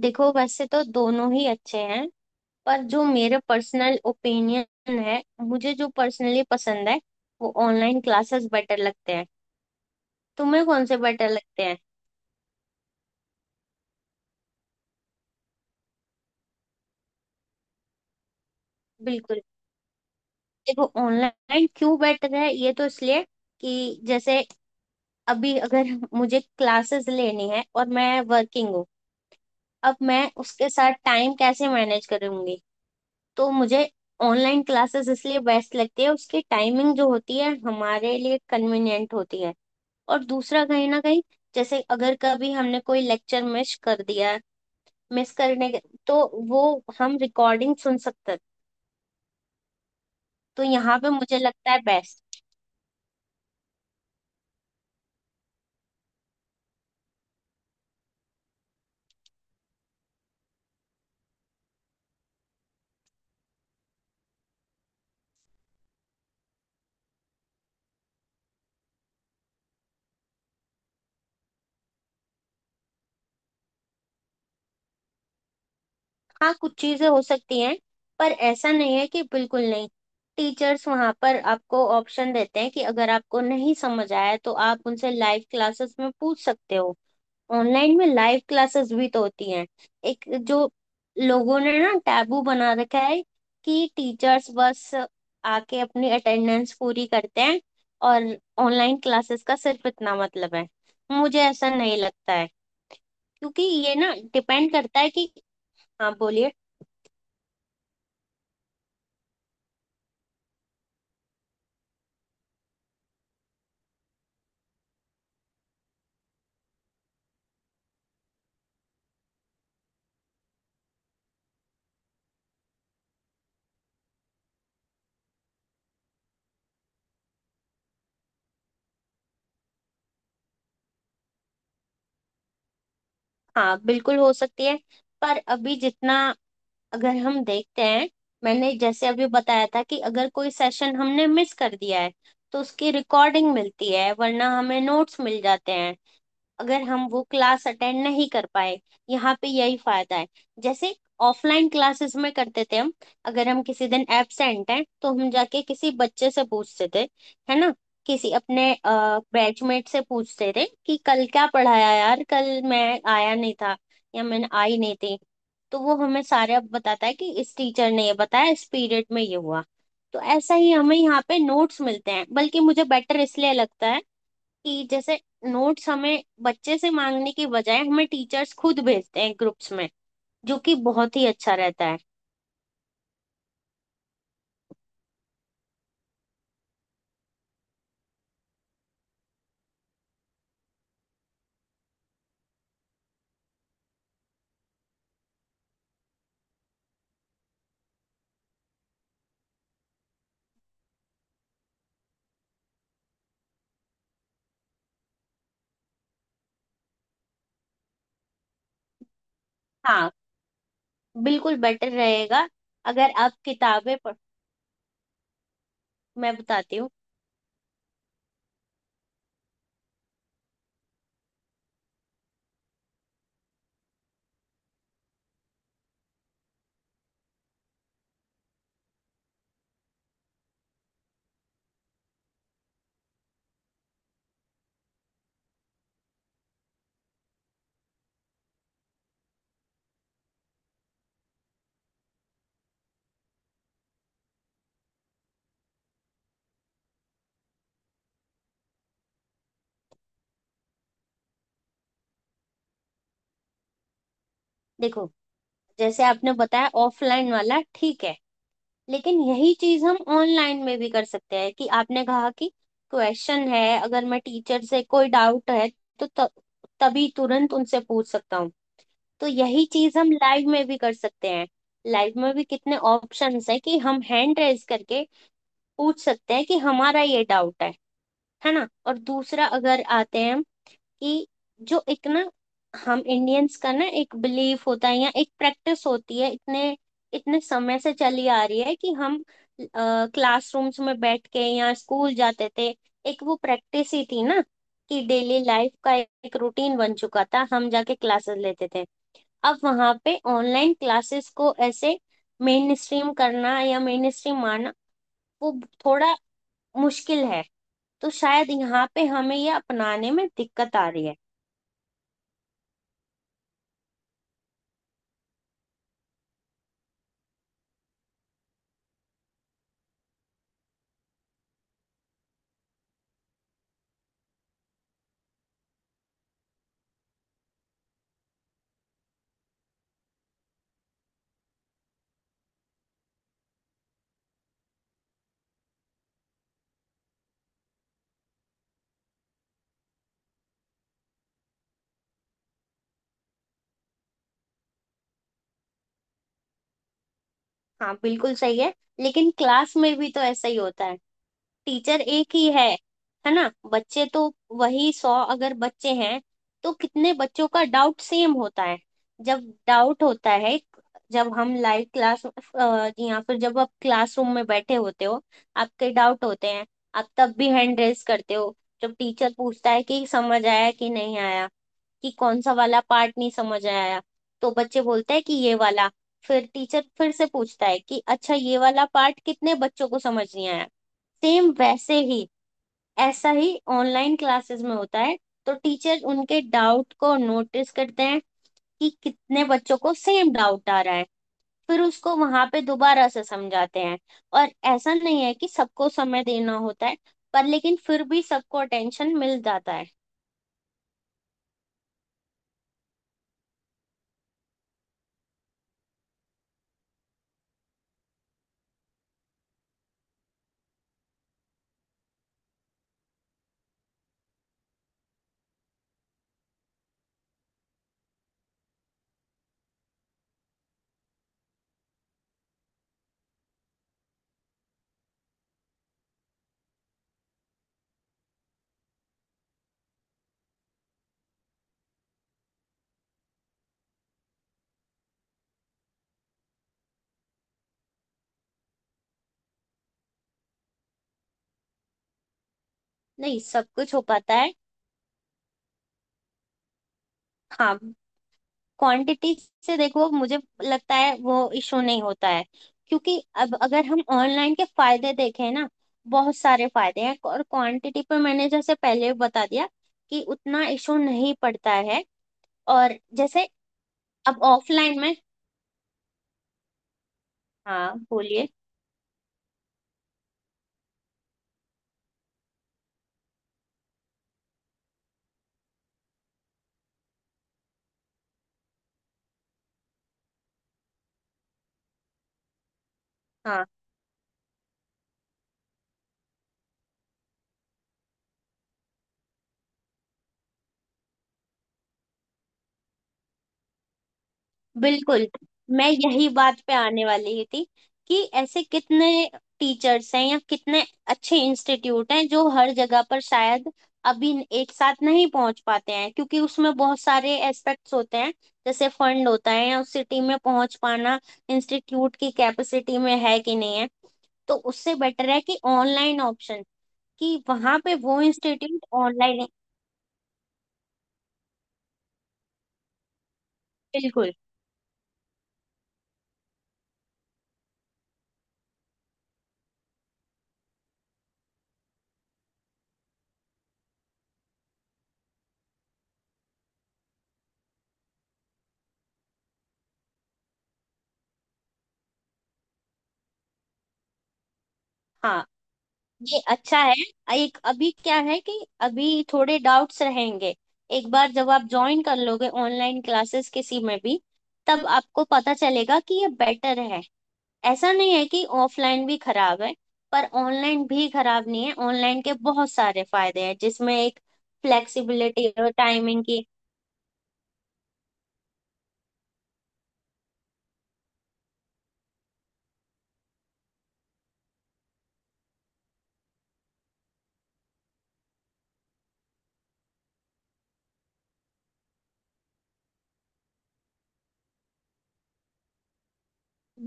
देखो, वैसे तो दोनों ही अच्छे हैं। पर जो मेरे पर्सनल ओपिनियन है, मुझे जो पर्सनली पसंद है वो ऑनलाइन क्लासेस बेटर लगते हैं। तुम्हें कौन से बेटर लगते हैं? बिल्कुल। देखो, ऑनलाइन क्यों बेटर है, ये तो इसलिए कि जैसे अभी अगर मुझे क्लासेस लेनी है और मैं वर्किंग हूँ, अब मैं उसके साथ टाइम कैसे मैनेज करूंगी। तो मुझे ऑनलाइन क्लासेस इसलिए बेस्ट लगती है, उसकी टाइमिंग जो होती है हमारे लिए कन्वीनियंट होती है। और दूसरा, कहीं ना कहीं जैसे अगर कभी हमने कोई लेक्चर मिस कर दिया है, मिस करने के तो वो हम रिकॉर्डिंग सुन सकते हैं। तो यहाँ पे मुझे लगता है बेस्ट। हाँ, कुछ चीजें हो सकती हैं पर ऐसा नहीं है कि बिल्कुल नहीं। टीचर्स वहाँ पर आपको ऑप्शन देते हैं कि अगर आपको नहीं समझ आया तो आप उनसे लाइव क्लासेस में पूछ सकते हो। ऑनलाइन में लाइव क्लासेस भी तो होती हैं। एक जो लोगों ने ना टैबू बना रखा है कि टीचर्स बस आके अपनी अटेंडेंस पूरी करते हैं और ऑनलाइन क्लासेस का सिर्फ इतना मतलब है, मुझे ऐसा नहीं लगता है। क्योंकि ये ना डिपेंड करता है कि। हाँ बोलिए। हाँ, बिल्कुल हो सकती है। पर अभी जितना अगर हम देखते हैं, मैंने जैसे अभी बताया था कि अगर कोई सेशन हमने मिस कर दिया है तो उसकी रिकॉर्डिंग मिलती है, वरना हमें नोट्स मिल जाते हैं अगर हम वो क्लास अटेंड नहीं कर पाए। यहाँ पे यही फायदा है। जैसे ऑफलाइन क्लासेस में करते थे हम, अगर हम किसी दिन एब्सेंट हैं तो हम जाके किसी बच्चे से पूछते थे, है ना, किसी अपने बैचमेट से पूछते थे कि कल क्या पढ़ाया यार, कल मैं आया नहीं था या मैंने आई नहीं थी। तो वो हमें सारे अब बताता है कि इस टीचर ने ये बताया, इस पीरियड में ये हुआ। तो ऐसा ही हमें यहाँ पे नोट्स मिलते हैं, बल्कि मुझे बेटर इसलिए लगता है कि जैसे नोट्स हमें बच्चे से मांगने के बजाय हमें टीचर्स खुद भेजते हैं ग्रुप्स में, जो कि बहुत ही अच्छा रहता है। हाँ, बिल्कुल बेटर रहेगा अगर आप किताबें पढ़। मैं बताती हूँ। देखो, जैसे आपने बताया ऑफलाइन वाला ठीक है, लेकिन यही चीज हम ऑनलाइन में भी कर सकते हैं। कि आपने कहा कि क्वेश्चन है, अगर मैं टीचर से कोई डाउट है तो तभी तुरंत उनसे पूछ सकता हूँ। तो यही चीज हम लाइव में भी कर सकते हैं। लाइव में भी कितने ऑप्शंस हैं कि हम हैंड रेज करके पूछ सकते हैं कि हमारा ये डाउट है ना। और दूसरा अगर आते हैं हम कि जो एक ना, हम इंडियंस का ना एक बिलीव होता है या एक प्रैक्टिस होती है, इतने इतने समय से चली आ रही है कि हम क्लासरूम्स में बैठ के या स्कूल जाते थे। एक वो प्रैक्टिस ही थी ना, कि डेली लाइफ का एक रूटीन बन चुका था, हम जाके क्लासेस लेते थे। अब वहां पे ऑनलाइन क्लासेस को ऐसे मेन स्ट्रीम करना या मेन स्ट्रीम मानना वो थोड़ा मुश्किल है। तो शायद यहाँ पे हमें ये अपनाने में दिक्कत आ रही है। हाँ, बिल्कुल सही है, लेकिन क्लास में भी तो ऐसा ही होता है। टीचर एक ही है ना, बच्चे तो वही 100 अगर बच्चे हैं, तो कितने बच्चों का डाउट सेम होता है। जब डाउट होता है, जब हम लाइव क्लास या फिर जब आप क्लासरूम में बैठे होते हो, आपके डाउट होते हैं, आप तब भी हैंड रेज करते हो। जब टीचर पूछता है कि समझ आया कि नहीं आया, कि कौन सा वाला पार्ट नहीं समझ आया, तो बच्चे बोलते हैं कि ये वाला। फिर टीचर फिर से पूछता है कि अच्छा, ये वाला पार्ट कितने बच्चों को समझ नहीं आया। सेम वैसे ही, ऐसा ही ऑनलाइन क्लासेस में होता है। तो टीचर उनके डाउट को नोटिस करते हैं कि कितने बच्चों को सेम डाउट आ रहा है, फिर उसको वहां पे दोबारा से समझाते हैं। और ऐसा नहीं है कि सबको समय देना होता है, पर लेकिन फिर भी सबको अटेंशन मिल जाता है। नहीं, सब कुछ हो पाता है। हाँ, क्वांटिटी से देखो, मुझे लगता है वो इशू नहीं होता है, क्योंकि अब अगर हम ऑनलाइन के फायदे देखें ना, बहुत सारे फायदे हैं। और क्वांटिटी पर मैंने जैसे पहले भी बता दिया कि उतना इशू नहीं पड़ता है। और जैसे अब ऑफलाइन में। हाँ बोलिए। हाँ, बिल्कुल, मैं यही बात पे आने वाली ही थी। कि ऐसे कितने टीचर्स हैं या कितने अच्छे इंस्टीट्यूट हैं जो हर जगह पर शायद अभी एक साथ नहीं पहुंच पाते हैं, क्योंकि उसमें बहुत सारे एस्पेक्ट्स होते हैं। जैसे फंड होता है, या उस सिटी में पहुंच पाना, इंस्टीट्यूट की कैपेसिटी में है कि नहीं है। तो उससे बेटर है कि ऑनलाइन ऑप्शन, कि वहां पे वो इंस्टीट्यूट ऑनलाइन। बिल्कुल। हाँ, ये अच्छा है। एक अभी क्या है कि अभी थोड़े डाउट्स रहेंगे। एक बार जब आप ज्वाइन कर लोगे ऑनलाइन क्लासेस किसी में भी, तब आपको पता चलेगा कि ये बेटर है। ऐसा नहीं है कि ऑफलाइन भी खराब है, पर ऑनलाइन भी खराब नहीं है। ऑनलाइन के बहुत सारे फायदे हैं, जिसमें एक फ्लेक्सिबिलिटी और टाइमिंग की।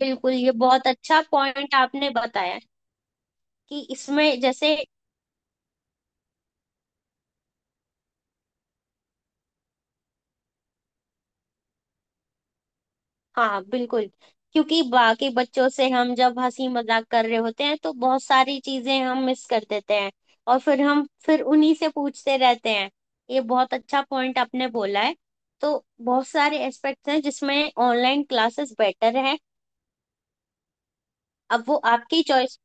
बिल्कुल, ये बहुत अच्छा पॉइंट आपने बताया कि इसमें जैसे। हाँ, बिल्कुल, क्योंकि बाकी बच्चों से हम जब हंसी मजाक कर रहे होते हैं तो बहुत सारी चीजें हम मिस कर देते हैं, और फिर हम फिर उन्हीं से पूछते रहते हैं। ये बहुत अच्छा पॉइंट आपने बोला है। तो बहुत सारे एस्पेक्ट्स हैं जिसमें ऑनलाइन क्लासेस बेटर है। अब वो आपकी चॉइस।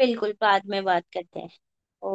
बिल्कुल, बाद में बात करते हैं।